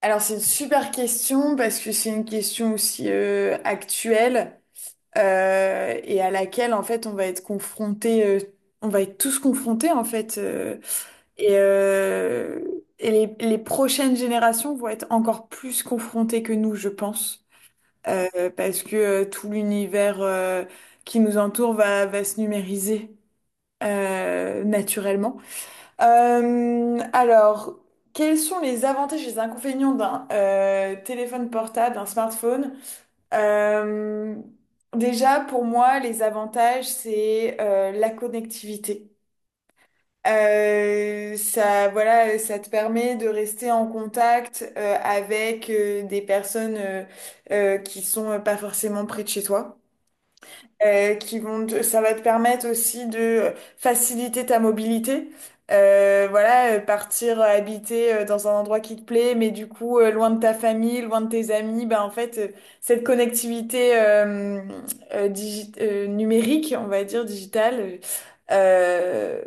Alors c'est une super question parce que c'est une question aussi actuelle et à laquelle en fait on va être confronté, on va être tous confrontés en fait et, euh, et les prochaines générations vont être encore plus confrontées que nous je pense parce que tout l'univers qui nous entoure va se numériser naturellement. Alors, quels sont les avantages et les inconvénients d'un téléphone portable, d'un smartphone? Euh, Déjà, pour moi, les avantages, c'est la connectivité. Ça, voilà, ça te permet de rester en contact avec des personnes qui sont pas forcément près de chez toi ça va te permettre aussi de faciliter ta mobilité. Voilà, partir habiter dans un endroit qui te plaît, mais du coup loin de ta famille, loin de tes amis, ben en fait cette connectivité numérique, on va dire digitale, euh,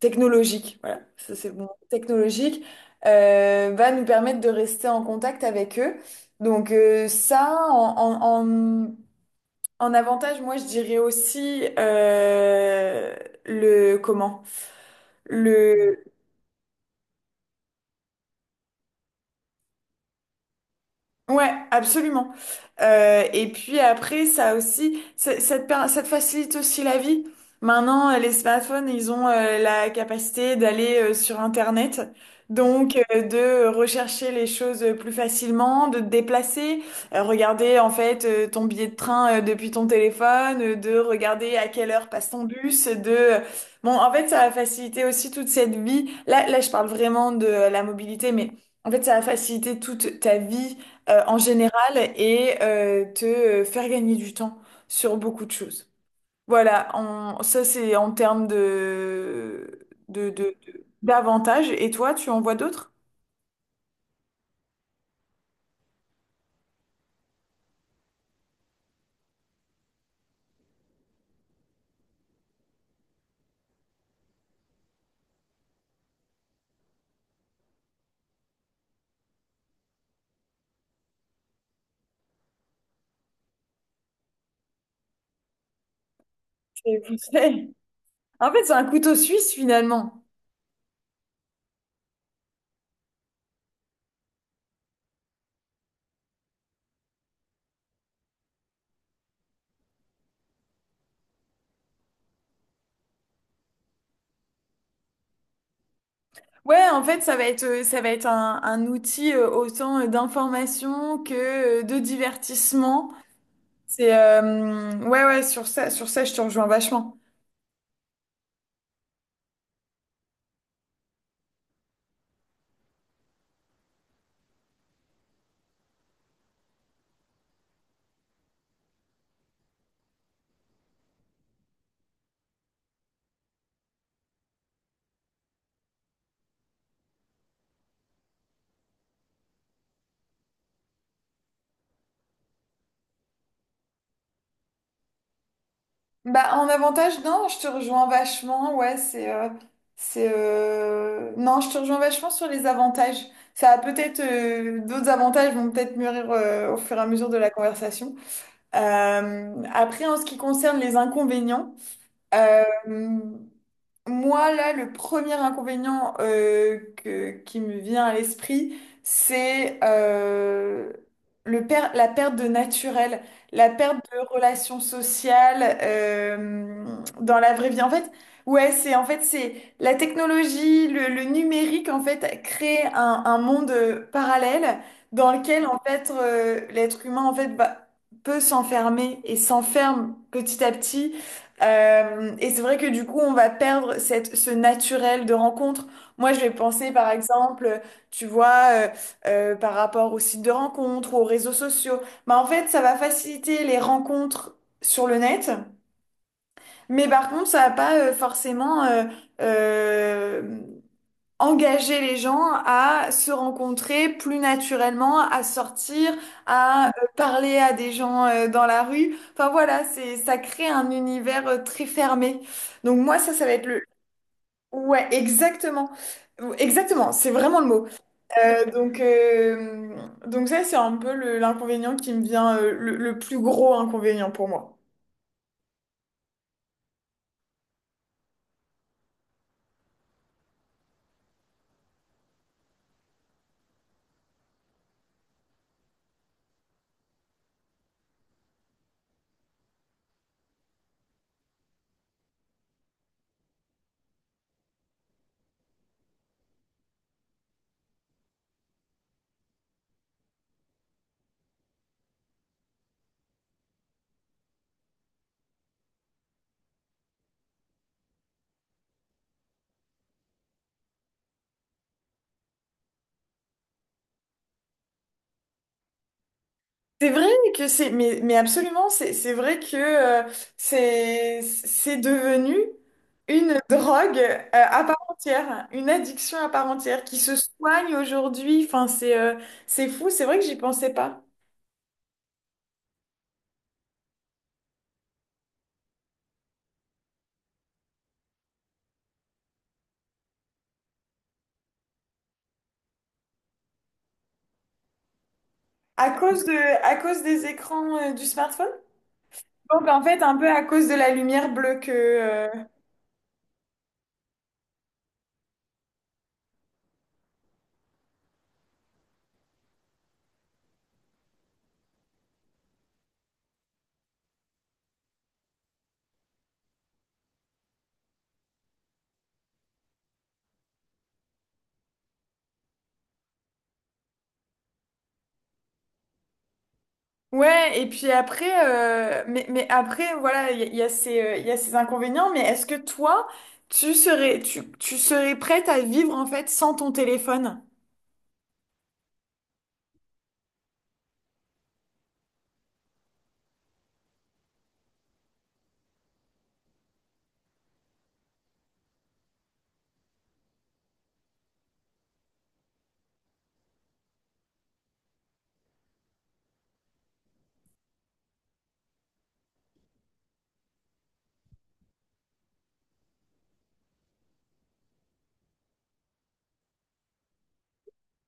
technologique, voilà, ça c'est bon, technologique, va nous permettre de rester en contact avec eux. Donc ça, en, en avantage, moi, je dirais aussi le comment? Mm. Le, ouais, absolument. Et puis après, ça aussi, ça te facilite aussi la vie. Maintenant, les smartphones, ils ont la capacité d'aller sur Internet, donc de rechercher les choses plus facilement, de te déplacer, regarder en fait ton billet de train depuis ton téléphone, de regarder à quelle heure passe ton bus, bon, en fait, ça va faciliter aussi toute cette vie. Là, je parle vraiment de la mobilité, mais... En fait, ça a facilité toute ta vie en général et te faire gagner du temps sur beaucoup de choses. Voilà, ça c'est en termes d'avantages. Et toi, tu en vois d'autres? Des conseils. En fait, c'est un couteau suisse finalement. Ouais, en fait, ça va être un outil autant d'information que de divertissement. C'est ouais, sur ça, je te rejoins vachement. Bah, en avantage, non, je te rejoins vachement. Ouais, c'est. C'est non, je te rejoins vachement sur les avantages. Ça a peut-être. D'autres avantages vont peut-être mûrir au fur et à mesure de la conversation. Après, en ce qui concerne les inconvénients, euh, moi, là, le premier inconvénient qui me vient à l'esprit, c'est la perte de naturel, la perte de relations sociales dans la vraie vie. En fait, ouais, c'est en fait c'est la technologie, le numérique, en fait, crée un monde parallèle dans lequel, en fait, l'être humain, en fait, bah, peut s'enfermer et s'enferme petit à petit et c'est vrai que du coup, on va perdre ce naturel de rencontre. Moi, je vais penser, par exemple, tu vois, par rapport aux sites de rencontres, aux réseaux sociaux. Bah, en fait, ça va faciliter les rencontres sur le net, mais par contre, ça va pas forcément euh, engager les gens à se rencontrer plus naturellement, à sortir, à parler à des gens dans la rue. Enfin voilà, c'est ça crée un univers très fermé. Donc moi ça va être le ouais, exactement. Exactement, c'est vraiment le mot. Euh, donc, euh, donc ça, c'est un peu l'inconvénient qui me vient, le plus gros inconvénient pour moi. C'est vrai que c'est, mais absolument, c'est vrai que c'est devenu une drogue à part entière, une addiction à part entière qui se soigne aujourd'hui. Enfin, c'est fou, c'est vrai que j'y pensais pas. À cause de, à cause des écrans du smartphone? Donc en fait, un peu à cause de la lumière bleue que, ouais, et puis après, mais après, voilà, il y a il y a ces inconvénients, mais est-ce que toi, tu serais prête à vivre en fait sans ton téléphone?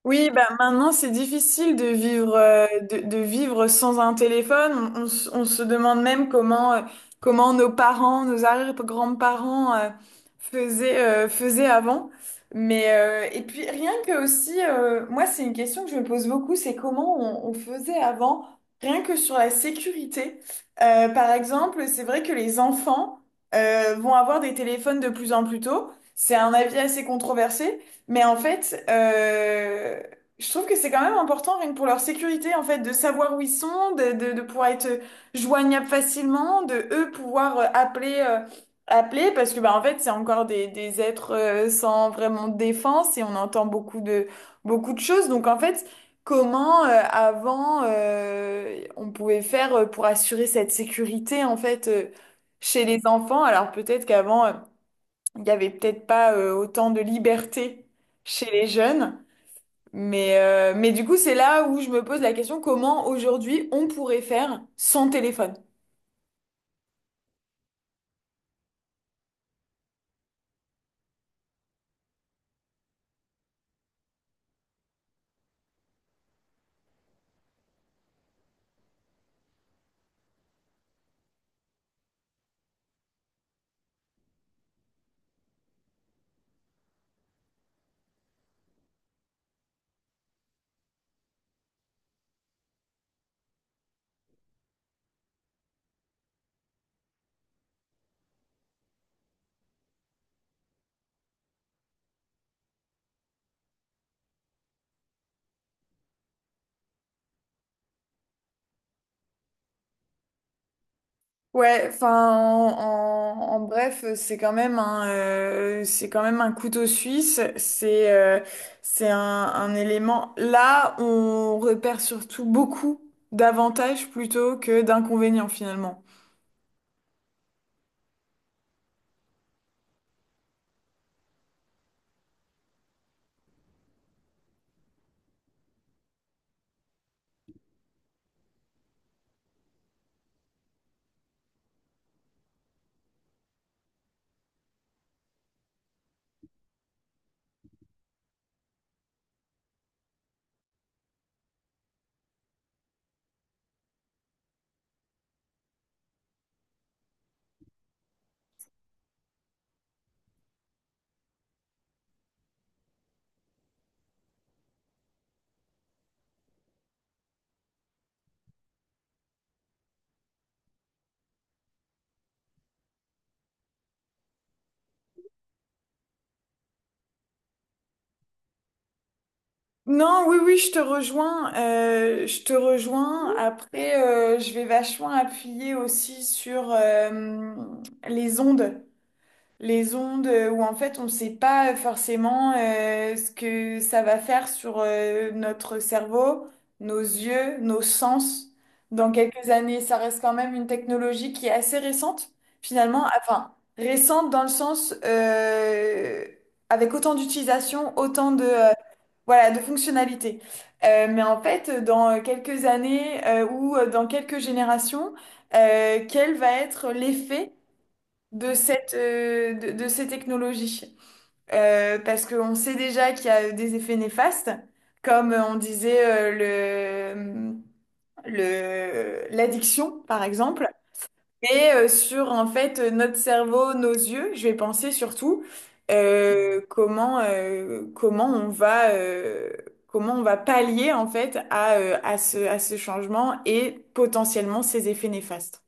Oui, bah maintenant c'est difficile de vivre de vivre sans un téléphone. On se demande même comment comment nos parents, nos arrière-grands-parents faisaient faisaient avant. Mais et puis rien que aussi, moi c'est une question que je me pose beaucoup, c'est comment on faisait avant, rien que sur la sécurité. Par exemple, c'est vrai que les enfants vont avoir des téléphones de plus en plus tôt. C'est un avis assez controversé. Mais en fait, je trouve que c'est quand même important, rien que pour leur sécurité, en fait, de savoir où ils sont, de pouvoir être joignables facilement, de eux pouvoir appeler, appeler, parce que bah en fait, c'est encore des êtres sans vraiment de défense et on entend beaucoup de choses. Donc en fait, comment avant on pouvait faire pour assurer cette sécurité en fait chez les enfants? Alors peut-être qu'avant il n'y avait peut-être pas autant de liberté chez les jeunes, mais du coup, c'est là où je me pose la question, comment aujourd'hui on pourrait faire sans téléphone? Ouais, enfin, en bref, c'est quand même un, c'est quand même un couteau suisse. C'est un élément. Là, on repère surtout beaucoup d'avantages plutôt que d'inconvénients finalement. Non, oui, oui, je te rejoins. Euh, je te rejoins. Après, je vais vachement appuyer aussi sur les ondes. Les ondes où en fait on ne sait pas forcément ce que ça va faire sur notre cerveau, nos yeux, nos sens. Dans quelques années, ça reste quand même une technologie qui est assez récente, finalement. Enfin, récente dans le sens avec autant d'utilisation, voilà, de fonctionnalités. Mais en fait, dans quelques années ou dans quelques générations, quel va être l'effet de ces technologies? Parce qu'on sait déjà qu'il y a des effets néfastes, comme on disait l'addiction, par exemple. Et sur en fait notre cerveau, nos yeux, je vais penser surtout comment comment on va pallier en fait à, à ce changement et potentiellement ses effets néfastes.